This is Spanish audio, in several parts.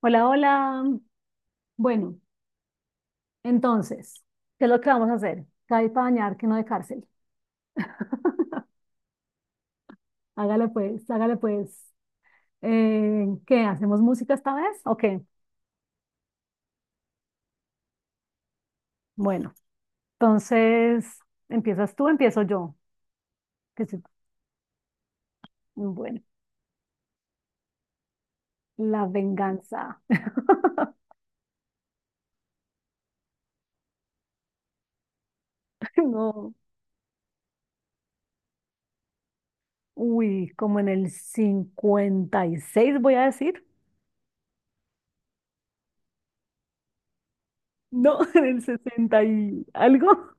Hola, hola. Bueno, entonces, ¿qué es lo que vamos a hacer? Cae para bañar, que no de cárcel. Hágale pues, hágale pues. ¿Qué? ¿Hacemos música esta vez? Ok, bueno. Entonces, ¿empiezas tú? ¿Empiezo yo? Que sí. Bueno, la venganza. No. Uy, como en el 56 voy a decir. No, en el 60 y algo.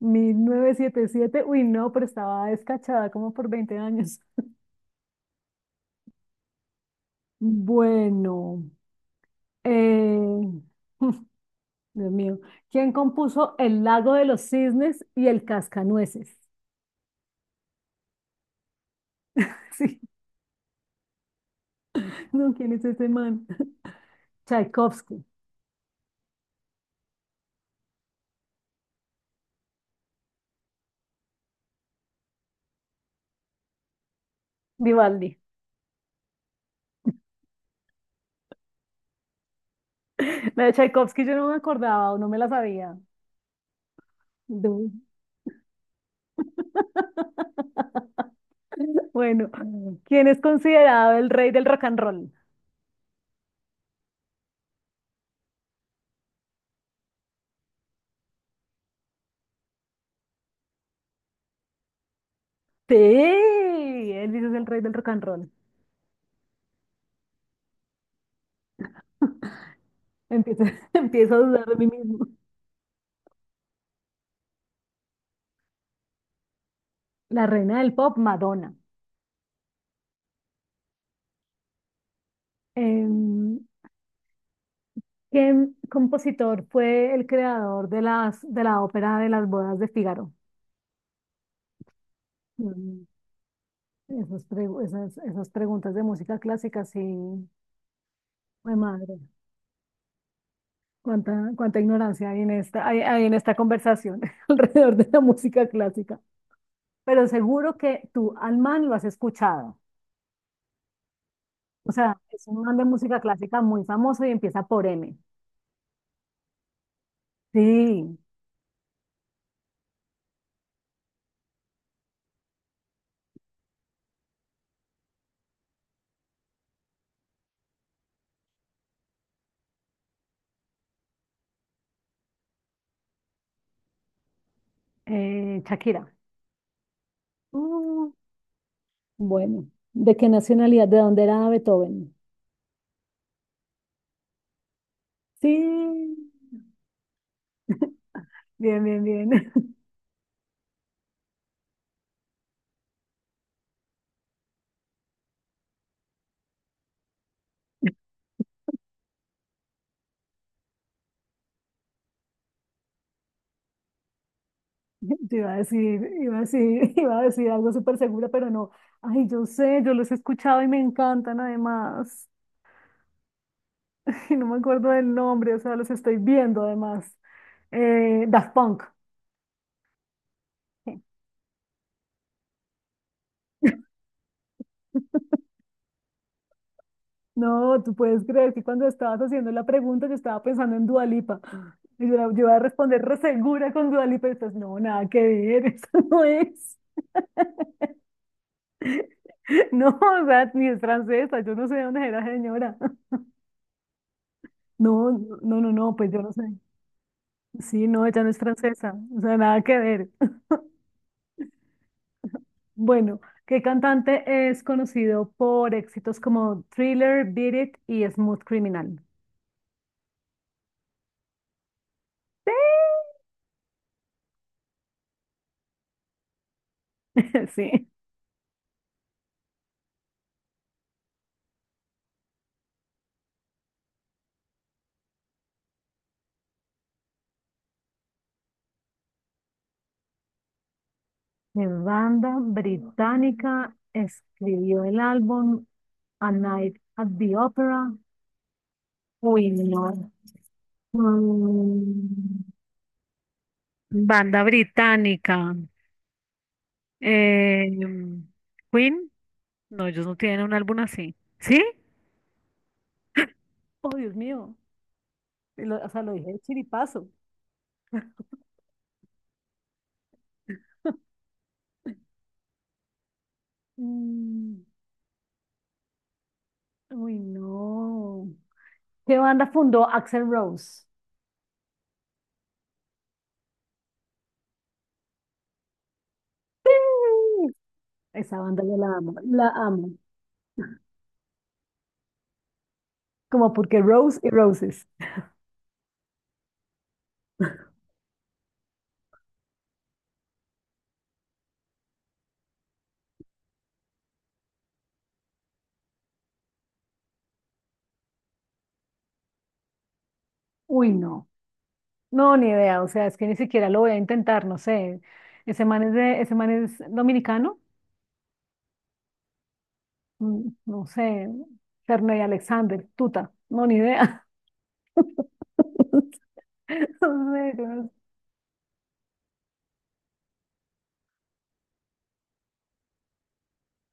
1977. Uy, no, pero estaba descachada como por 20 años. Bueno, eh, Dios mío, ¿quién compuso El lago de los cisnes y El cascanueces? Sí, no, ¿quién es ese man? Tchaikovsky, Vivaldi. La de Tchaikovsky yo no me acordaba o no me la sabía. Du- Bueno, ¿quién es considerado el rey del rock and roll? Sí, Elvis es el rey del rock and roll. Empiezo, empiezo a dudar de mí mismo. La reina del pop, Madonna. Em, ¿Qué compositor fue el creador de la ópera de las bodas de Fígaro? Mm, esas preguntas de música clásica, sí. Ay, madre, cuánta ignorancia hay en esta conversación alrededor de la música clásica. Pero seguro que tú al man lo has escuchado. O sea, es un man de música clásica muy famoso y empieza por M. Sí, Shakira. Mm, bueno, ¿de qué nacionalidad? ¿De dónde era Beethoven? Sí. Bien, bien, bien. Yo iba a decir algo súper segura, pero no. Ay, yo sé, yo los he escuchado y me encantan además. Y no me acuerdo del nombre, o sea, los estoy viendo además. Daft Punk. No, tú puedes creer que cuando estabas haciendo la pregunta yo estaba pensando en Dua Lipa. Y yo iba a responder re segura con Dua Lipa y después, no, nada que ver, eso no es. No, o sea, ni es francesa, yo no sé de dónde era señora. No, no, no, no, pues yo no sé. Sí, no, ella no es francesa, o sea, nada que ver. Bueno, ¿qué cantante es conocido por éxitos como Thriller, Beat It y Smooth Criminal? Sí. ¿Qué banda británica escribió el álbum A Night at the Opera? Uy, no. Mm, Banda británica. Eh, Queen. No, ellos no tienen un álbum así. ¿Sí? Oh, Dios mío. Lo- o sea, lo dije de chiripazo. Mm, uy, no. ¿Qué banda fundó Axel Rose? ¡Sí! Esa banda yo la amo, la amo. Como porque Rose y Roses. Uy, no. No, ni idea. O sea, es que ni siquiera lo voy a intentar, no sé. Ese man es dominicano. No sé. Ferney Alexander, Tuta. No, ni idea. No sé, yo no sé.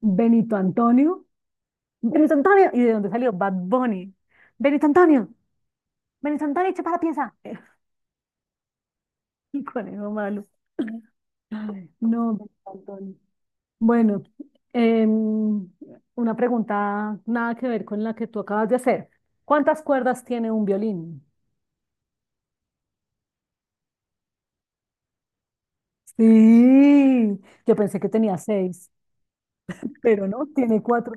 Benito Antonio. Benito Antonio. ¿Y de dónde salió? Bad Bunny. Benito Antonio. Benito Antonio, echa para la pieza. El conejo malo. Ay, no, me. Bueno, em, una pregunta nada que ver con la que tú acabas de hacer. ¿Cuántas cuerdas tiene un violín? Sí, yo pensé que tenía seis, pero no, tiene cuatro.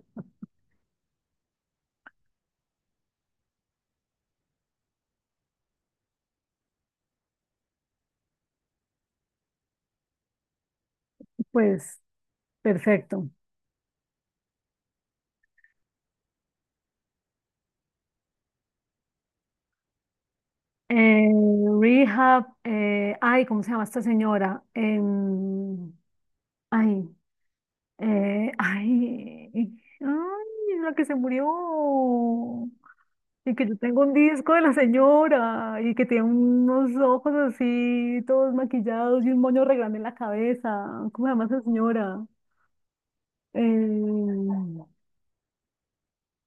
Pues, perfecto. Eh, Rehab, ay, ¿cómo se llama esta señora? Ay, ay, ay, la que se murió. Y que yo tengo un disco de la señora y que tiene unos ojos así, todos maquillados y un moño re grande en la cabeza. ¿Cómo se llama esa señora? Eh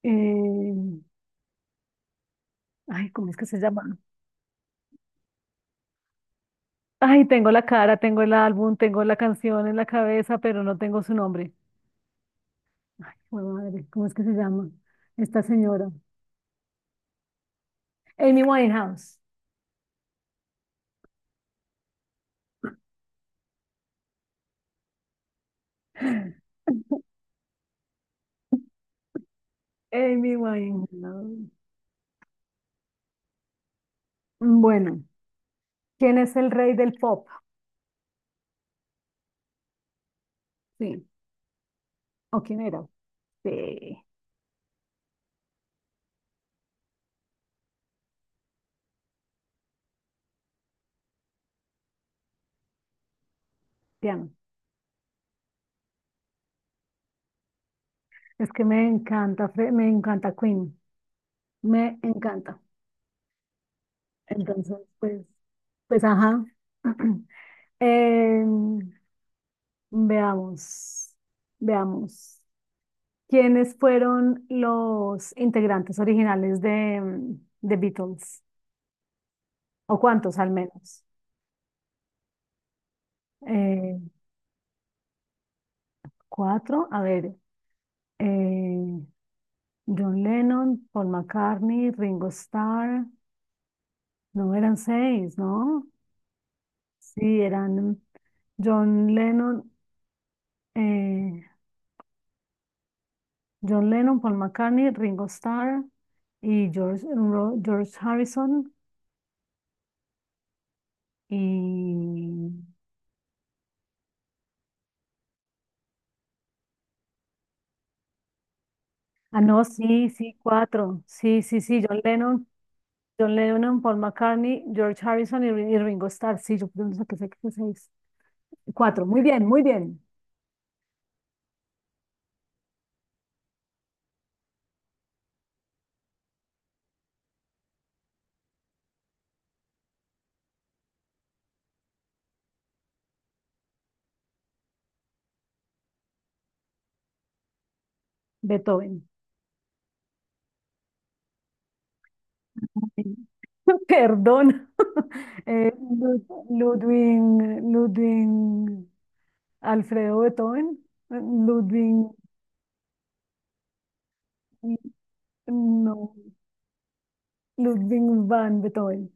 eh ay, ¿cómo es que se llama? Ay, tengo la cara, tengo el álbum, tengo la canción en la cabeza, pero no tengo su nombre. Ay, jue madre, ¿cómo es que se llama esta señora? Amy Winehouse. Amy Winehouse. Bueno, ¿quién es el rey del pop? Sí. ¿O quién era? Sí. Piano. Es que me encanta, me encanta Queen, me encanta. Entonces, pues, ajá. Em, veamos, veamos. ¿Quiénes fueron los integrantes originales de The Beatles? ¿O cuántos al menos? Eh, cuatro, a ver. eh, John Lennon, Paul McCartney, Ringo Starr. No, eran seis, ¿no? Sí, eran John Lennon. eh, John Lennon, Paul McCartney, Ringo Starr y George Harrison y... Ah, no, sí, sí, cuatro. Sí, sí, sí, John Lennon, Paul McCartney, George Harrison y Ringo Starr. Sí, yo pienso que sé que fue seis. Cuatro, muy bien, muy bien. Beethoven. Perdón. Eh, Lud- Ludwig, Alfredo Beethoven, Ludwig, no. Ludwig van Beethoven.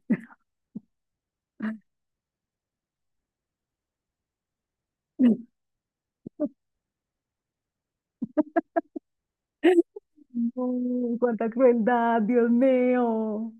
Uy, cuánta crueldad, Dios mío.